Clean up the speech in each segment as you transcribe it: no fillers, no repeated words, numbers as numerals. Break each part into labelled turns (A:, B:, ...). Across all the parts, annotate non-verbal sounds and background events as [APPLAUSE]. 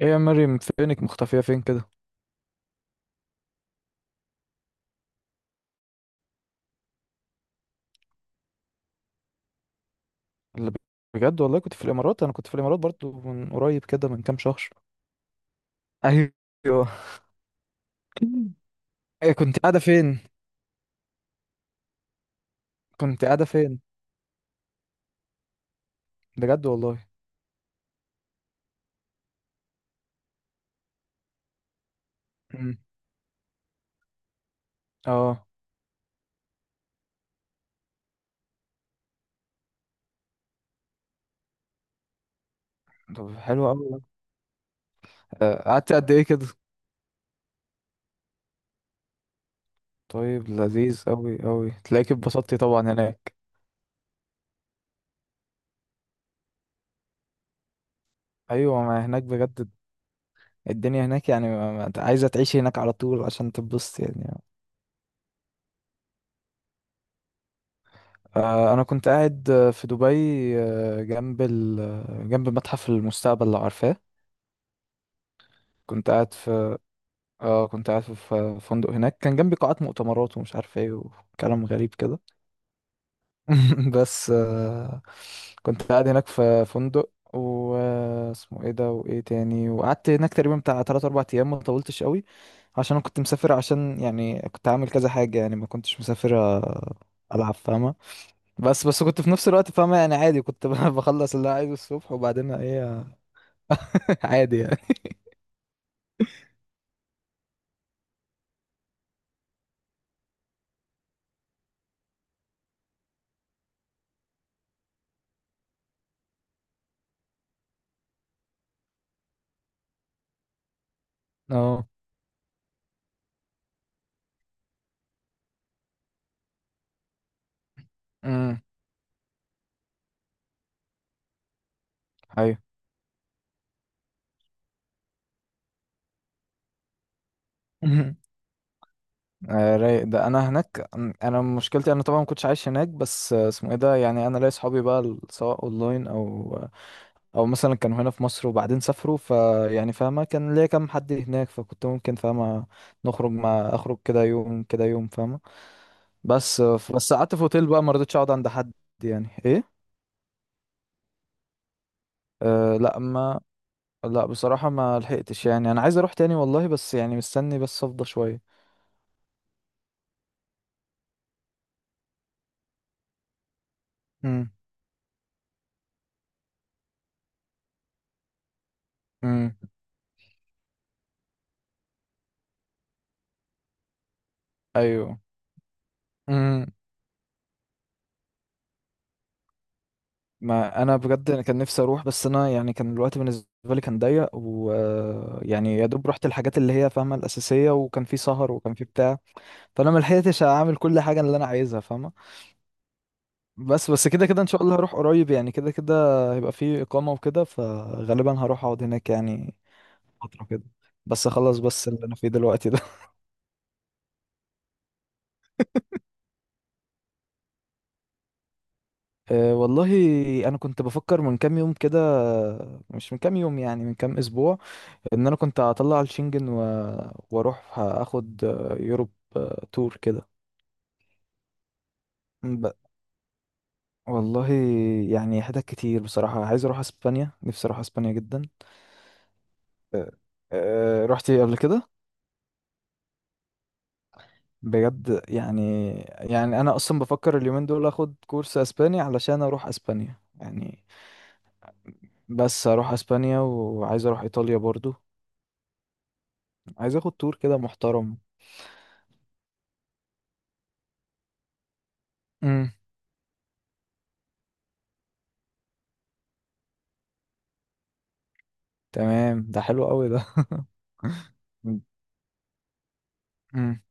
A: ايه يا مريم، فينك مختفية فين كده؟ اللي بجد والله كنت في الامارات، انا كنت في الامارات برضو من قريب كده من كام شهر. ايوه. [LAUGHS] ايه، كنت قاعدة فين؟ كنت قاعدة فين؟ بجد والله. مم. اه، طب حلو قوي. قعدت قد ايه كده؟ طيب لذيذ قوي قوي، تلاقيك اتبسطتي طبعا هناك. ايوه، ما هناك بجد الدنيا هناك يعني عايزة تعيشي هناك على طول عشان تتبسطي يعني. انا كنت قاعد في دبي، آه، جنب ال... آه، جنب متحف المستقبل لو عارفاه. كنت قاعد في اه كنت قاعد في فندق هناك، كان جنبي قاعات مؤتمرات ومش عارف ايه، وكلام غريب كده. [LAUGHS] بس كنت قاعد هناك في فندق و اسمه ايه ده وايه تاني، وقعدت هناك تقريبا بتاع 3 4 ايام، ما طولتش قوي عشان انا كنت مسافر، عشان يعني كنت عامل كذا حاجة، يعني ما كنتش مسافر، العب، فاهمة؟ بس كنت في نفس الوقت فاهمة يعني، عادي، كنت [LAUGHS] بخلص اللي أنا عايزه الصبح وبعدين ايه. [LAUGHS] عادي يعني. اه. امم. ايوه. [LAUGHS] رايق ده انا هناك. انا مشكلتي، انا طبعا ما كنتش عايش هناك، بس اسمه ايه ده، يعني انا ليا صحابي بقى سواء اونلاين او، او مثلا كانوا هنا في مصر وبعدين سافروا، فيعني فاهمه، كان ليا كام حد هناك، فكنت ممكن فاهمه نخرج مع اخرج كده يوم كده يوم، فاهمه. بس بس قعدت في اوتيل بقى، ما رضيتش اقعد عند حد. يعني ايه؟ أه لا ما لا بصراحه ما لحقتش، يعني انا عايز اروح تاني والله، بس يعني مستني بس افضى شويه. امم. امم. ايوه، ما انا بجد أنا كان نفسي اروح، بس انا يعني كان الوقت بالنسبه لي كان ضيق، ويعني يا دوب رحت الحاجات اللي هي فاهمه الاساسيه، وكان في سهر وكان في بتاع، فانا ما لحقتش اعمل كل حاجه اللي انا عايزها، فاهمه. بس كده كده ان شاء الله هروح قريب يعني، كده كده هيبقى في اقامه وكده، فغالبا هروح اقعد هناك يعني فتره كده، بس اخلص بس اللي انا فيه دلوقتي ده. [LAUGHS] أه والله، انا كنت بفكر من كام يوم كده، مش من كام يوم يعني من كام اسبوع، ان انا كنت هطلع الشنجن، و... واروح اخد يوروب تور كده. ب... والله يعني حتت كتير بصراحة، عايز اروح اسبانيا، نفسي اروح اسبانيا جدا. أه، أه، رحتي قبل كده؟ بجد يعني، يعني انا اصلا بفكر اليومين دول اخد كورس اسباني علشان اروح اسبانيا يعني، بس اروح اسبانيا وعايز اروح ايطاليا برضو، عايز اخد تور كده محترم. امم. تمام، ده حلو قوي ده. امم.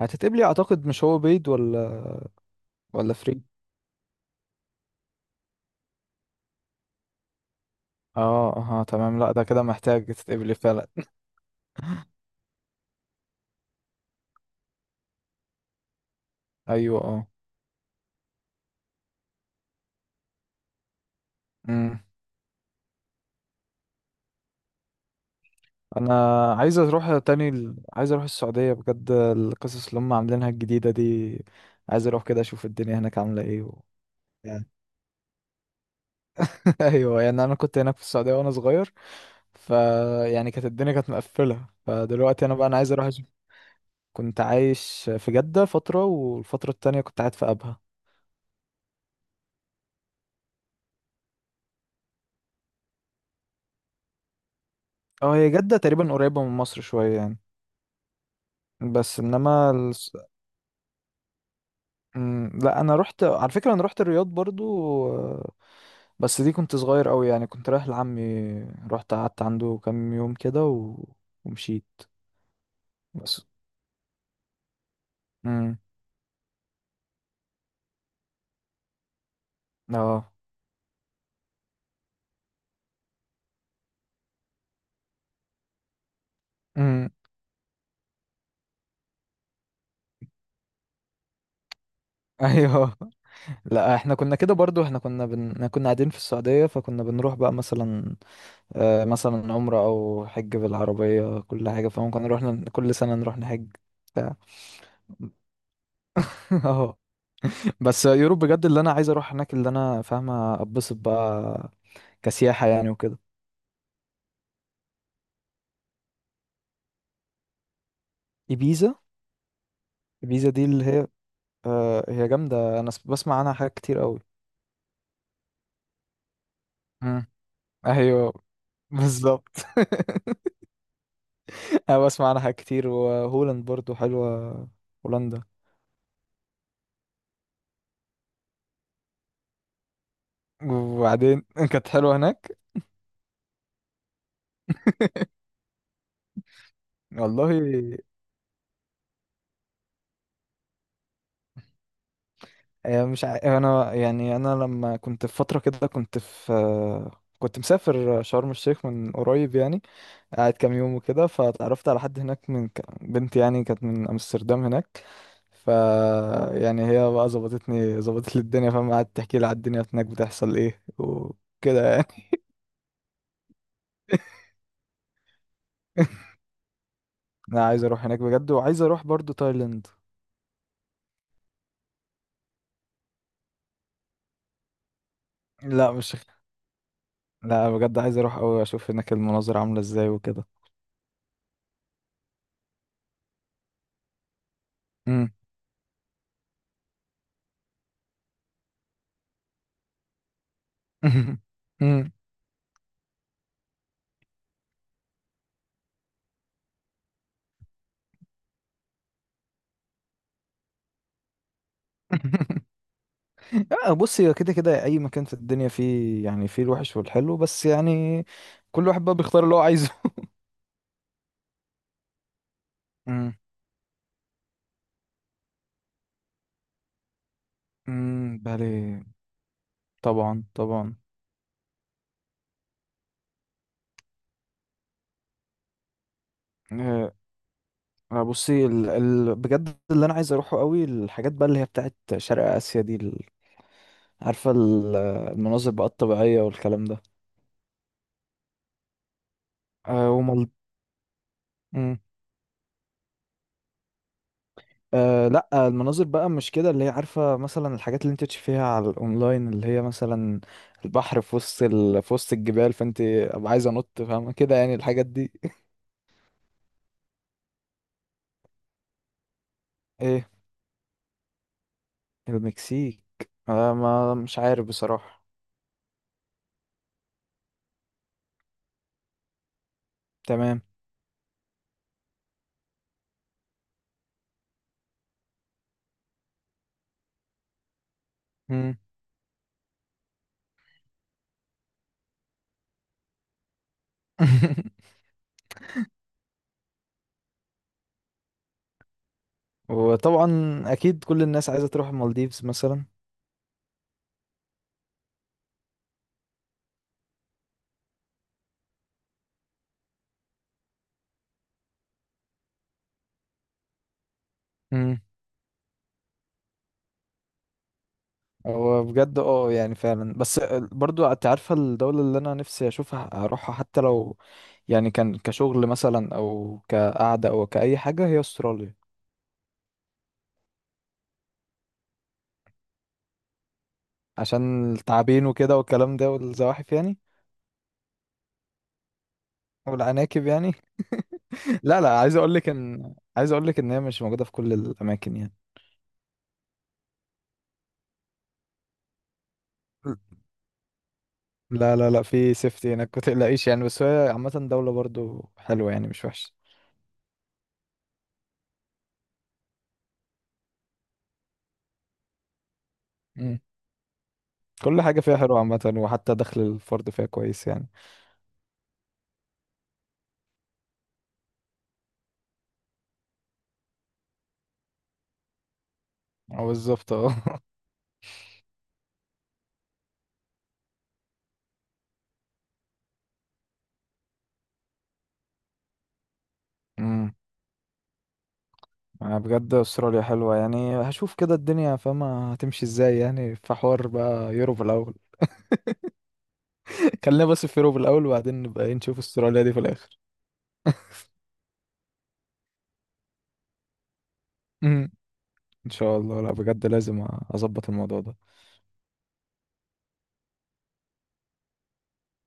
A: هتتقبلي اعتقد، مش هو بيض ولا ولا فري؟ اه اه، تمام، لا ده كده محتاج تتقبلي فعلا. [LAUGHS] ايوه اه. امم. انا عايز اروح تاني، عايز اروح السعودية، بجد القصص اللي هم عاملينها الجديدة دي، عايز اروح كده اشوف الدنيا هناك عاملة ايه. و... يعني، [LAUGHS] ايوه يعني انا كنت هناك في السعودية وانا صغير، ف يعني كانت الدنيا كانت مقفلة، فدلوقتي انا عايز اروح اشوف. كنت عايش في جدة فترة، والفترة التانية كنت قاعد في ابها. اه، هي جدة تقريبا قريبة من مصر شوية يعني. بس انما، مم، لا انا رحت على فكره، انا رحت الرياض برضو. آه، بس دي كنت صغير قوي، يعني كنت رايح لعمي، رحت قعدت عنده كام يوم كده، و... ومشيت. بس. امم. اه. امم. ايوه. [LAUGHS] لا احنا كنا كده برضو، كنا قاعدين في السعوديه، فكنا بنروح بقى مثلا آه مثلا عمره او حج بالعربيه كل حاجه، فممكن نروح كل سنه نروح نحج بتاع. [LAUGHS] اه، بس يوروب بجد اللي انا عايز اروح هناك، اللي انا فاهمه اتبسط بقى كسياحة يعني وكده. إبيزا. إبيزا دي اللي هي، هي جامدة، أنا بسمع عنها حاجات كتير قوي. مم. أيوه، بالظبط. [LAUGHS] أنا بسمع عنها حاجات كتير، وهولاند برضو حلوة، هولندا. وبعدين [LAUGHS] كانت حلوة هناك. والله، آه، مش ع... أنا يعني لما كنت في فترة كده كنت في، كنت مسافر شرم الشيخ من قريب يعني، قاعد كام يوم وكده، فتعرفت على حد هناك، من بنت يعني، كانت من امستردام هناك، ف يعني هي بقى ظبطت لي الدنيا فاهم، قعدت تحكي لي على الدنيا هناك بتحصل ايه وكده يعني. [LAUGHS] انا عايز اروح هناك بجد، وعايز اروح برضو تايلاند. لا مش لا بجد عايز اروح قوي، اشوف هناك المناظر عامله ازاي وكده. امم. [LAUGHS] امم. [LAUGHS] بص، هي كده كده اي مكان في الدنيا فيه يعني، فيه الوحش والحلو، بس يعني كل واحد بقى بيختار اللي هو عايزه. [LAUGHS] امم، بالي. طبعا طبعا. آه، بصي بجد اللي انا عايز اروحه قوي، الحاجات بقى اللي هي بتاعت شرق اسيا دي، عارفه المناظر بقى الطبيعيه والكلام ده. أه ومال... مم. أه لا، المناظر بقى مش كده، اللي هي عارفه مثلا الحاجات اللي انت تشوفيها على الاونلاين، اللي هي مثلا البحر في وسط في وسط الجبال، فانت ابقى عايزه انط، فاهمه كده يعني الحاجات دي. ايه، المكسيك؟ أه ما مش عارف بصراحه. تمام. مم. [LAUGHS] وطبعا اكيد كل الناس عايزه تروح المالديفز مثلا. امم. هو بجد اه يعني فعلا، بس برضو انت عارفه الدوله اللي انا نفسي اشوفها اروحها، حتى لو يعني كان كشغل مثلا او كقعده او كاي حاجه، هي استراليا. عشان التعابين وكده والكلام ده والزواحف يعني، والعناكب يعني. [LAUGHS] لا لا، عايز اقول لك ان هي مش موجوده في كل الاماكن يعني. لا لا لا، في سيفتي هناك ما تقلقيش يعني، بس هي عامه دوله برضو حلوه، يعني مش وحشه، كل حاجة فيها حلوة عامة، وحتى دخل الفرد فيها كويس يعني. اه بالظبط، اه. [LAUGHS] امم. انا بجد استراليا حلوة، يعني هشوف كده الدنيا فاهمة هتمشي ازاي يعني، في حوار بقى يوروب الاول. [LAUGHS] خلينا بس في يوروب الاول، وبعدين نبقى إيه نشوف استراليا دي في الاخر. امم. ان شاء الله، لا بجد لازم اظبط الموضوع ده.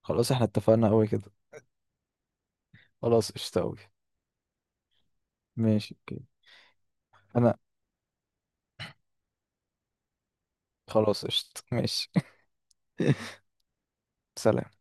A: خلاص احنا اتفقنا قوي كده. خلاص قشطة قوي. ماشي، اوكي. انا. خلاص قشطة، ماشي. [LAUGHS] سلام.